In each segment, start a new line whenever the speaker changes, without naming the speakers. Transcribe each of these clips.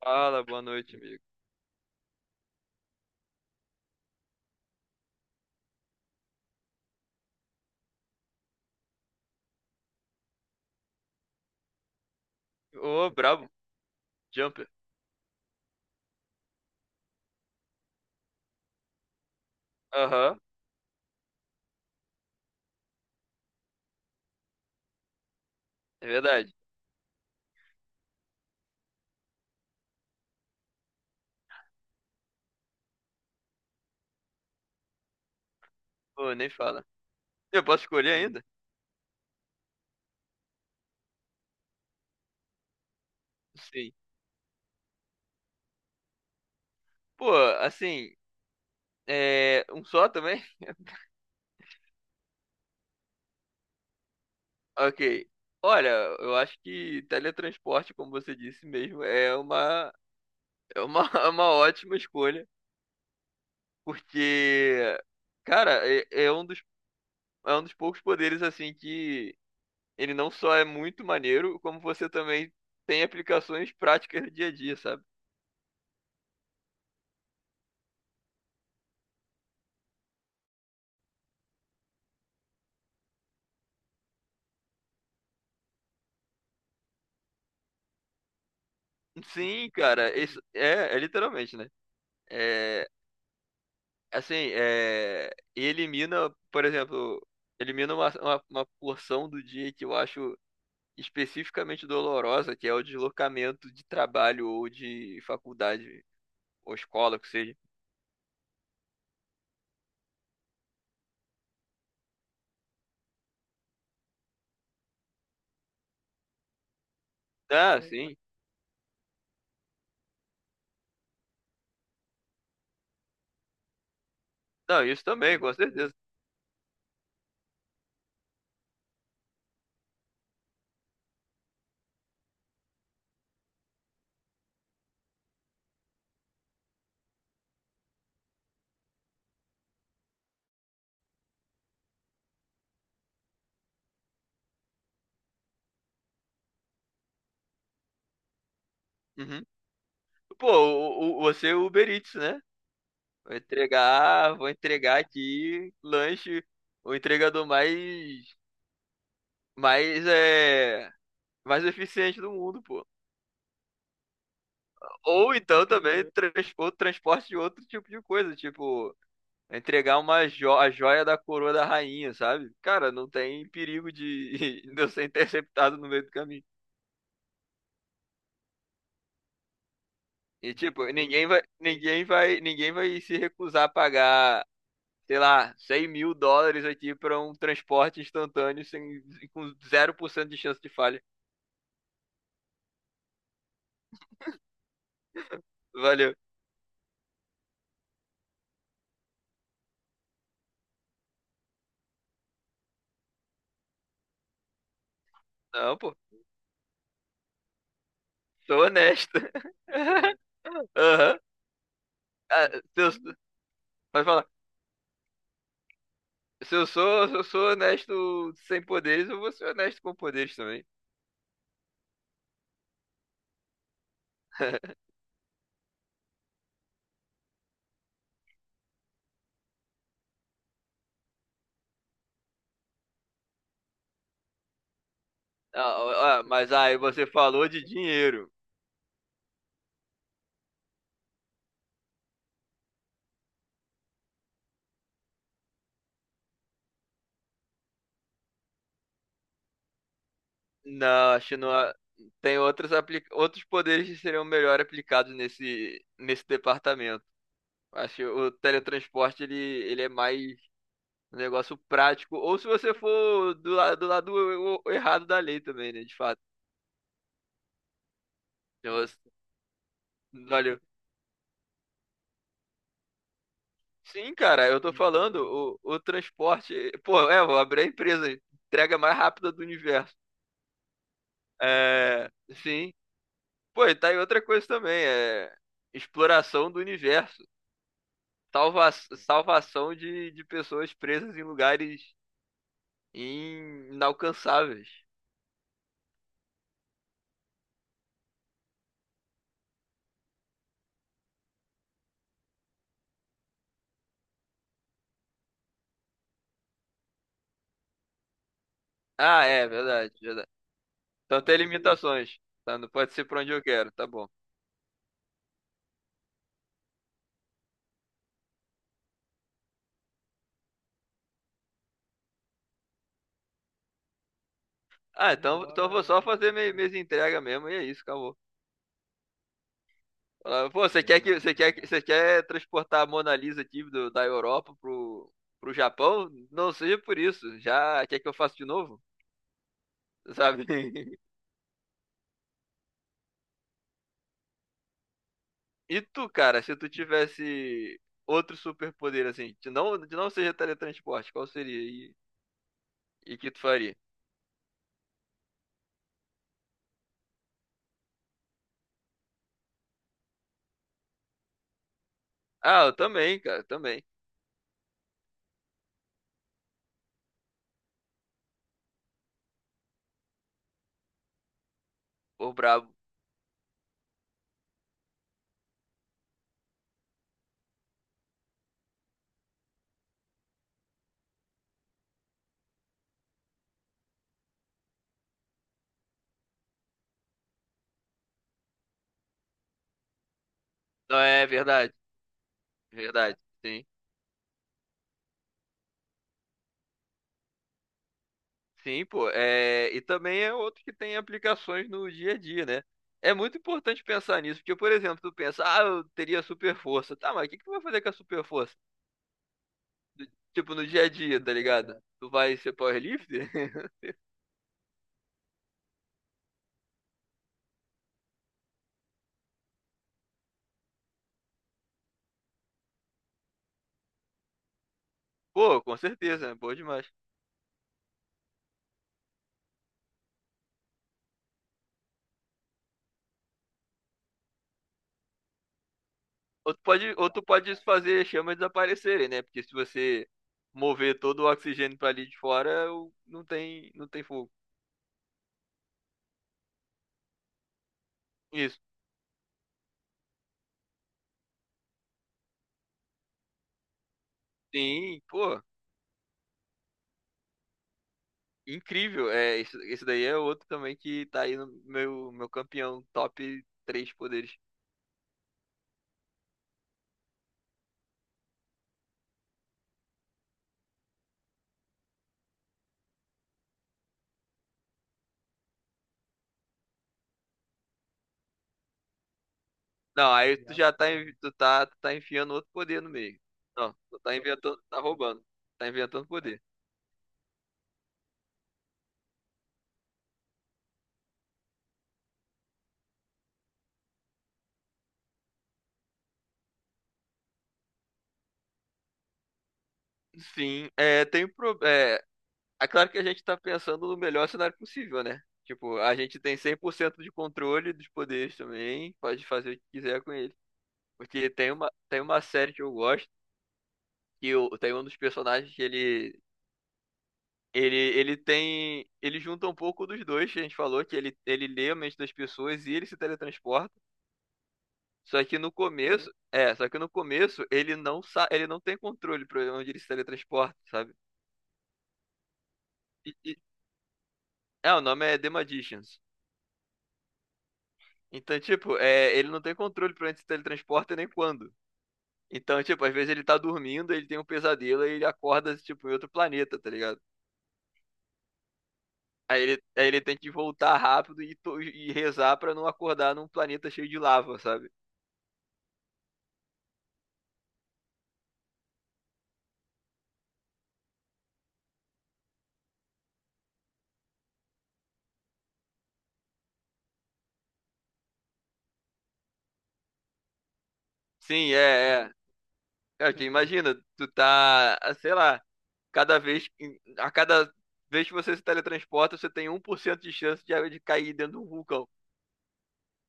Fala, boa noite, amigo. Ô, brabo. Jumper. Aham, é verdade. Pô, nem fala. Eu posso escolher ainda? Sim. Pô, assim, um só também? Ok. Olha, eu acho que teletransporte, como você disse mesmo, é uma ótima escolha, porque, cara, é um dos poucos poderes, assim, que ele não só é muito maneiro, como você também tem aplicações práticas do dia a dia, sabe? Sim, cara, isso é, é literalmente, né? É, assim, é, e elimina, por exemplo, elimina uma porção do dia que eu acho especificamente dolorosa, que é o deslocamento de trabalho ou de faculdade ou escola, que seja. Ah, sim. Não, isso também, com certeza. Uhum. Pô, você é Uber Eats, né? Vou entregar aqui lanche, o entregador mais é mais eficiente do mundo, pô. Ou então também outro transporte de outro tipo de coisa, tipo entregar uma jo a joia da coroa da rainha, sabe? Cara, não tem perigo de, de eu ser interceptado no meio do caminho. E tipo, ninguém vai se recusar a pagar, sei lá, 100 mil dólares aqui pra um transporte instantâneo sem, com zero por cento de chance de falha. Valeu. Não, pô, sou honesto. Aham. Ah, seus- Pode falar. Se eu sou honesto sem poderes, eu vou ser honesto com poderes também. Ah, ah, mas aí você falou de dinheiro. Não, acho que não. Tem outros, outros poderes que seriam melhor aplicados nesse departamento. Acho que o teletransporte ele é mais um negócio prático. Ou se você for do, do lado errado da lei também, né? De fato. Então, Olha, sim, cara, eu tô falando, o transporte. Pô, é, vou abrir a empresa, entrega mais rápida do universo. É, sim. Pô, e tá aí outra coisa também, é exploração do universo. Salvação de pessoas presas em lugares inalcançáveis. Ah, é, verdade, verdade. Então tem limitações. Tá, não pode ser pra onde eu quero, tá bom. Ah, então, então eu vou só fazer minhas entregas mesmo, e é isso, acabou. Falava, pô, você quer transportar a Mona Lisa aqui da Europa pro Japão? Não seja por isso. Já quer que eu faça de novo? Sabe? E tu, cara, se tu tivesse outro superpoder assim, que não seja teletransporte, qual seria e que tu faria? Ah, eu também, cara, também. Pô, brabo. Não é verdade, verdade. Sim. Sim, pô. É, e também é outro que tem aplicações no dia a dia, né? É muito importante pensar nisso, porque, por exemplo, tu pensa, ah, eu teria super força. Tá, mas o que que tu vai fazer com a super força? Do- Tipo, no dia a dia, tá ligado? Tu vai ser powerlifter? Pô, com certeza, né? Boa demais. Ou tu pode fazer chamas desaparecerem, né? Porque se você mover todo o oxigênio pra ali de fora, não tem, não tem fogo. Isso. Sim, pô. Incrível, é, isso daí é outro também que tá aí no meu, meu campeão, top 3 poderes. Não, aí tu já tá, tu tá, tu tá enfiando outro poder no meio. Não, tu tá inventando, tá roubando. Tá inventando poder. Sim, é, tem um pro, é, é claro que a gente tá pensando no melhor cenário possível, né? Tipo, a gente tem 100% de controle dos poderes também, pode fazer o que quiser com ele. Porque tem uma série que eu gosto, tem um dos personagens que ele Ele, ele tem. Ele junta um pouco dos dois que a gente falou, que ele lê a mente das pessoas e ele se teletransporta. Só que no começo. É, só que no começo ele não sa ele não tem controle pra onde ele se teletransporta, sabe? E, e- é, o nome é The Magicians. Então, tipo, é, ele não tem controle pra onde se teletransporta nem quando. Então, tipo, às vezes ele tá dormindo, ele tem um pesadelo e ele acorda, tipo, em outro planeta, tá ligado? Aí ele tem que voltar rápido e, e rezar pra não acordar num planeta cheio de lava, sabe? Sim, é, é. Cara, que imagina, tu tá, ah, sei lá, a cada vez que você se teletransporta, você tem um por cento de chance de cair dentro de um vulcão.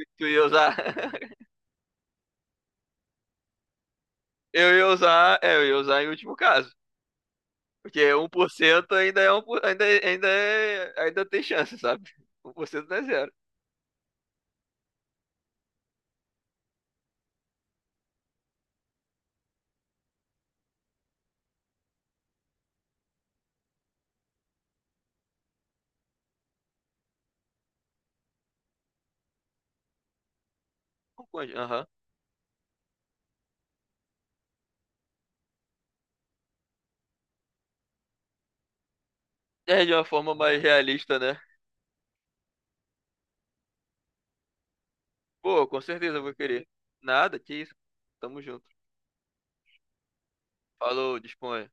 E tu ia usar, eu ia usar, é, eu ia usar em último caso, porque um por cento ainda é ainda, ainda é, ainda tem chance, sabe? 1% não é zero. Mas, aham. É de uma forma mais realista, né? Pô, com certeza eu vou querer. Nada, que isso. Tamo junto. Falou, dispõe.